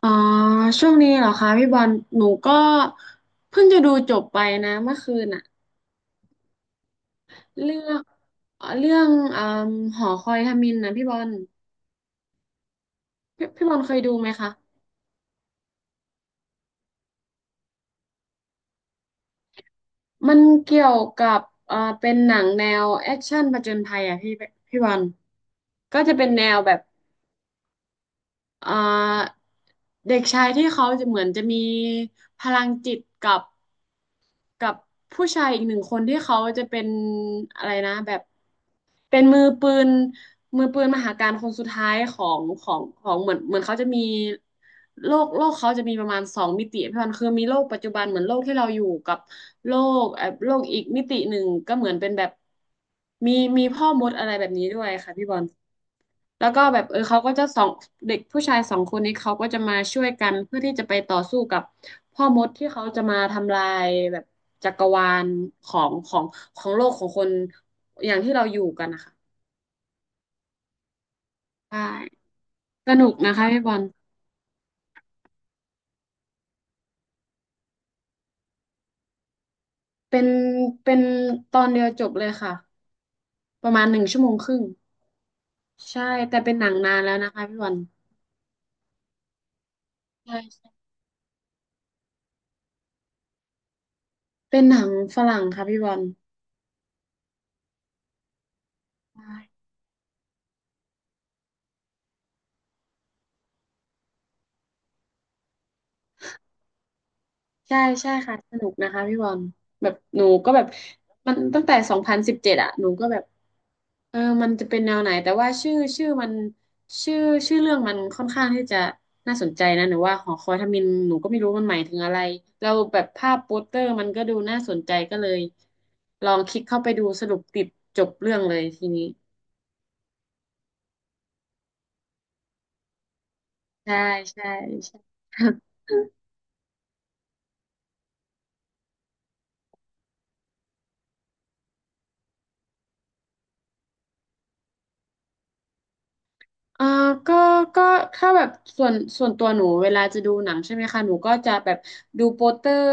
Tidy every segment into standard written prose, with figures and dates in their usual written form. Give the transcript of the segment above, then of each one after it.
อ๋อช่วงนี้เหรอคะพี่บอลหนูก็เพิ่งจะดูจบไปนะเมื่อคืนน่ะเรื่องเรื่องอมหอคอยฮามินนะพี่บอลพี่พี่บอลเคยดูไหมคะมันเกี่ยวกับเป็นหนังแนวแอคชั่นผจญภัยอ่ะพี่พี่บอลก็จะเป็นแนวแบบเอ่อเด็กชายที่เขาจะเหมือนจะมีพลังจิตกับกับผู้ชายอีกหนึ่งคนที่เขาจะเป็นอะไรนะแบบ เป็นมือปืนมือปืนมหาการคนสุดท้ายของของของเหมือนเหมือนเขาจะมีโลกโลกเขาจะมีประมาณสองมิติพี่วันคือมีโลกปัจจุบันเหมือนโลกที่เราอยู่กับโลกโลกอีกมิติหนึ่งก็เหมือนเป็นแบบมีมีพ่อมดอะไรแบบนี้ด้วยค่ะพี่บอลแล้วก็แบบเออเขาก็จะสองเด็กผู้ชายสองคนนี้เขาก็จะมาช่วยกันเพื่อที่จะไปต่อสู้กับพ่อมดที่เขาจะมาทำลายแบบจักรวาลของของของโลกของคนอย่างที่เราอยู่กันนะคะ ใช่สนุกนะคะพี่บอลเป็นเป็นตอนเดียวจบเลยค่ะประมาณ1 ชั่วโมงครึ่งใช่แต่เป็นหนังนานแล้วนะคะพี่บอลใช่ใช่เป็นหนังฝรั่งค่ะพี่บอลใช่ใช่ใช่ค่ะสนุกนะคะพี่บอลแบบหนูก็แบบมันตั้งแต่2017อะหนูก็แบบ เออมันจะเป็นแนวไหนแต่ว่าชื่อชื่อมันชื่อชื่อเรื่องมันค่อนข้างที่จะน่าสนใจนะหนูว่าหอคอยทมิฬหนูก็ไม่รู้มันหมายถึงอะไรเราแล้วแบบภาพโปสเตอร์มันก็ดูน่าสนใจก็เลยลองคลิกเข้าไปดูสรุปติดจบเรื่องเลยทีนี้ใช่ใช่ใช่ อ่าก็ก็ถ้าแบบส่วนส่วนตัวหนูเวลาจะดูหนังใช่ไหมคะหนูก็จะแบบดูโปสเตอร์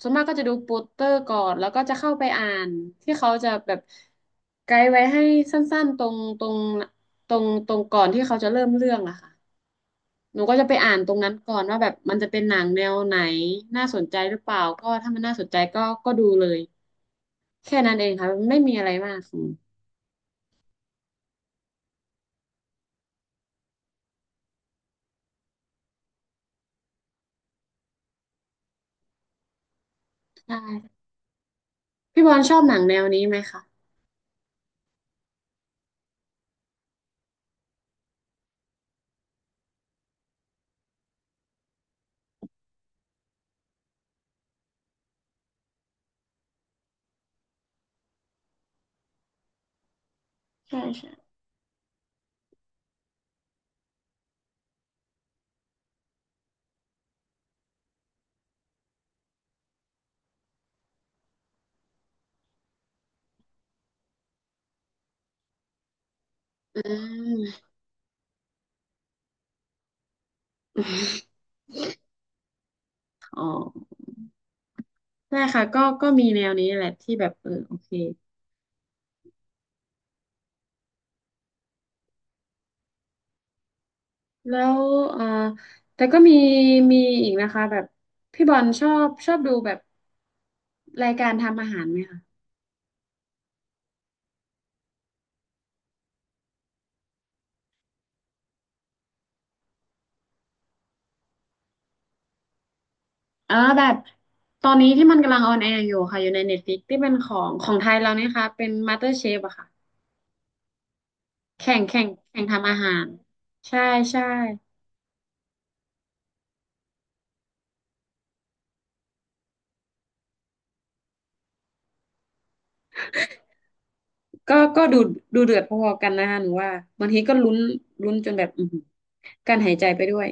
ส่วนมากก็จะดูโปสเตอร์ก่อนแล้วก็จะเข้าไปอ่านที่เขาจะแบบไกด์ไว้ให้สั้นๆตรงตรงตรงตรงก่อนที่เขาจะเริ่มเรื่องอะค่ะหนูก็จะไปอ่านตรงนั้นก่อนว่าแบบมันจะเป็นหนังแนวไหนน่าสนใจหรือเปล่าก็ถ้ามันน่าสนใจก็ก็ดูเลยแค่นั้นเองค่ะไม่มีอะไรมากค่ะใช่พี่บอลชอบหนังแนวนี้ไหมคะใช่ใช่อืมอ๋อ ใช่ค่ะก็ก็มีแนวนี้แหละที่แบบเออโอเคแล้วเอ่อแต่ก็มีมีอีกนะคะแบบพี่บอลชอบชอบดูแบบรายการทำอาหารไหมคะเออแบบตอนนี้ที่มันกำลังออนแอร์อยู่ค่ะอยู่ในเน็ตฟลิกที่เป็นของของไทยเราเนี่ยค่ะเป็นม a สเตอร์เชฟอะค่ะแข่งแข่งแข่งทำอาหารใช่ใช่ก็ก็ดูดูเดือดพอๆกันนะคะหนูว่าบางทีก็ลุ้นลุ้นจนแบบอือหือกั้นหายใจไปด้วย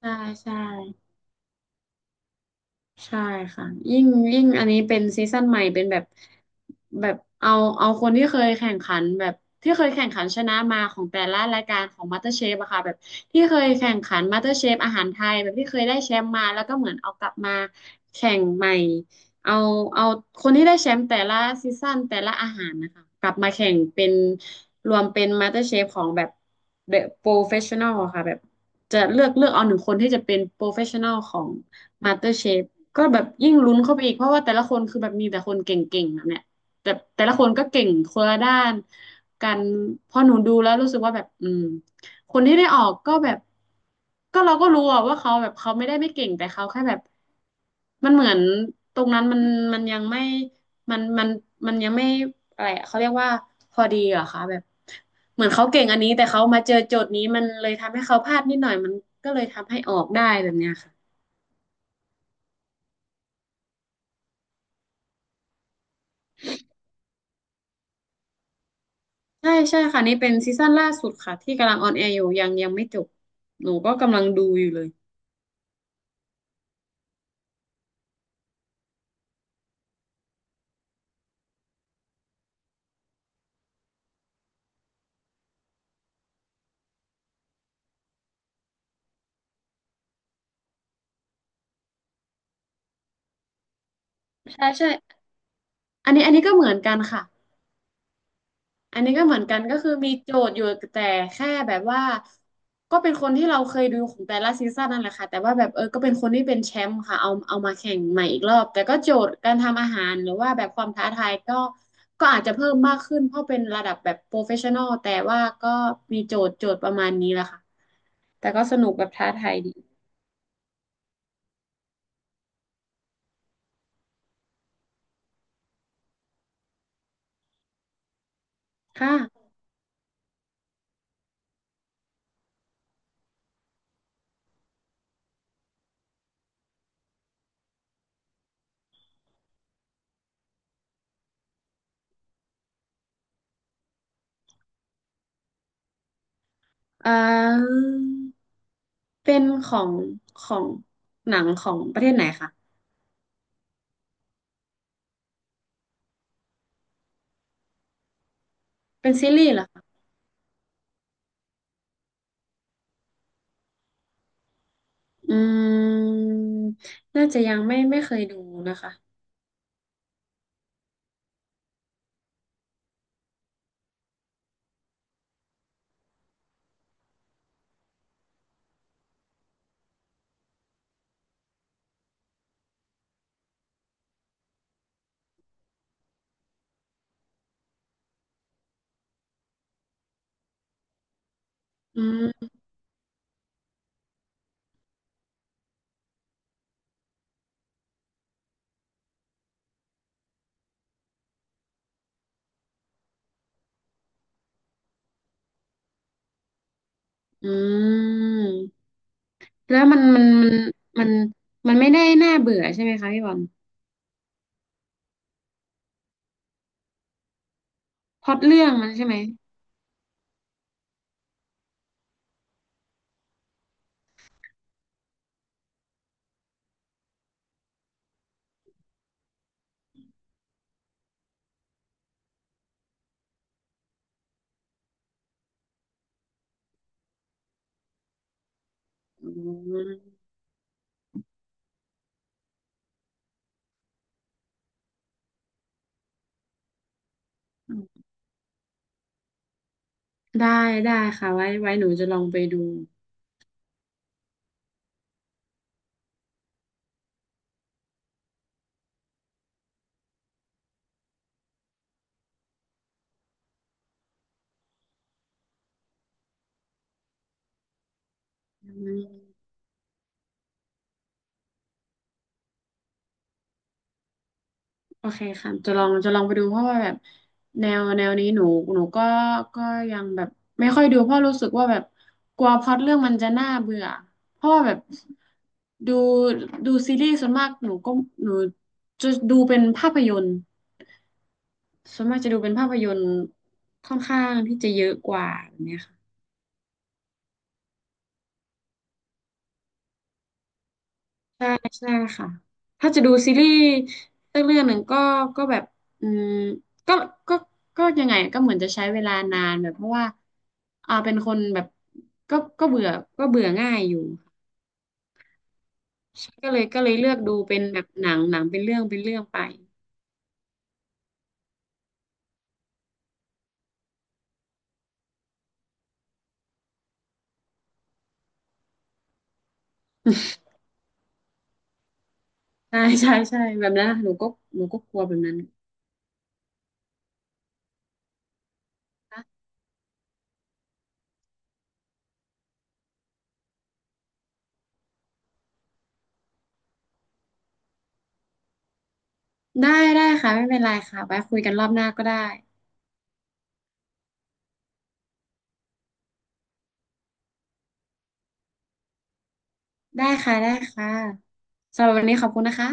ใช่ใช่ ใช่ค่ะยิ่งยิ่งอันนี้เป็นซีซั่นใหม่เป็นแบบแบบเอาเอาคนที่เคยแข่งขันแบบที่เคยแข่งขันชนะมาของแต่ละรายการของ MasterChef อะค่ะแบบที่เคยแข่งขัน MasterChef อาหารไทยแบบที่เคยได้แชมป์มาแล้วก็เหมือนเอากลับมาแข่งใหม่เอาเอาคนที่ได้แชมป์แต่ละซีซั่นแต่ละอาหารนะคะกลับมาแข่งเป็นรวมเป็น MasterChef ของแบบ The Professional อะค่ะแบบจะเลือกเลือกเอาหนึ่งคนที่จะเป็น Professional ของ มาสเตอร์เชฟก็แบบยิ่งลุ้นเข้าไปอีกเพราะว่าแต่ละคนคือแบบมีแต่คนเก่งๆแบบเนี้ยแต่แต่ละคนก็เก่งคนละด้านกันพอหนูดูแล้วรู้สึกว่าแบบอืมคนที่ได้ออกก็แบบก็เราก็รู้อะว่าเขาแบบเขาไม่ได้ไม่เก่งแต่เขาแค่แบบมันเหมือนตรงนั้นมันมันยังไม่มันมันมันยังไม่อะไรอะเขาเรียกว่าพอดีเหรอคะแบบเหมือนเขาเก่งอันนี้แต่เขามาเจอโจทย์นี้มันเลยทำให้เขาพลาดนิดหน่อยมันก็เลยทำให้ออกได้แบบเนี้ยค่ะ ใช่ใช่ค่ะนี่เป็นซีซั่นล่าสุดค่ะที่กำลังออนแอร์อยู่ยังยังไม่จบหนูก็กำลังดูอยู่เลยใช่ใช่อันนี้อันนี้ก็เหมือนกันค่ะอันนี้ก็เหมือนกันก็คือมีโจทย์อยู่แต่แค่แบบว่าก็เป็นคนที่เราเคยดูของแต่ละซีซั่นนั่นแหละค่ะแต่ว่าแบบเออก็เป็นคนที่เป็นแชมป์ค่ะเอาเอามาแข่งใหม่อีกรอบแต่ก็โจทย์การทำอาหารหรือว่าแบบความท้าทายก็ก็อาจจะเพิ่มมากขึ้นเพราะเป็นระดับแบบโปรเฟชชั่นอลแต่ว่าก็มีโจทย์โจทย์ประมาณนี้แหละค่ะแต่ก็สนุกแบบท้าทายดีค่ะ อ่าเป็นของของหนังของประเทศไหนคะ เป็นซีรีส์เหรอคะอืม น่าจะยังไม่ไม่เคยดูนะคะ อืม อืม แล้วมันมันมันมันมันไม่ได้น่าเบื่อใช่ไหมคะพี่บอลพล็อตเรื่องมันใช่ไหมอืมได้ได้ค่ะไว้ไว้หนูจะลองไปดูอืม โอเคค่ะจะลองจะลองไปดูเพราะว่าแบบแนวแนวนี้หนูหนูก็ก็ยังแบบไม่ค่อยดูเพราะรู้สึกว่าแบบกลัวพล็อตเรื่องมันจะน่าเบื่อเพราะว่าแบบดูดูซีรีส์ส่วนมากหนูก็หนูจะดูเป็นภาพยนตร์ส่วนมากจะดูเป็นภาพยนตร์ค่อนข้างที่จะเยอะกว่าแบบเนี้ยค่ะ ใช่ใช่ค่ะถ้าจะดูซีรีส์สักเรื่องหนึ่งก็ก็แบบอืมก็ก็ก็ยังไงก็เหมือนจะใช้เวลานานแบบเพราะว่าเป็นคนแบบก็ก็เบื่อก็เบื่อง่ายอยู่ใช่ก็เลยก็เลยเลือกดูเป็นแบบหนังหนังเป็นเรื่องเป็นเรื่องไปใช่ใช่ใช่แบบนั้นหนูก็หนูก็กลัวแบบนั้นนะได้ได้ค่ะไม่เป็นไรค่ะไว้คุยกันรอบหน้าก็ได้ได้ค่ะได้ค่ะสำหรับวันนี้ขอบคุณนะคะ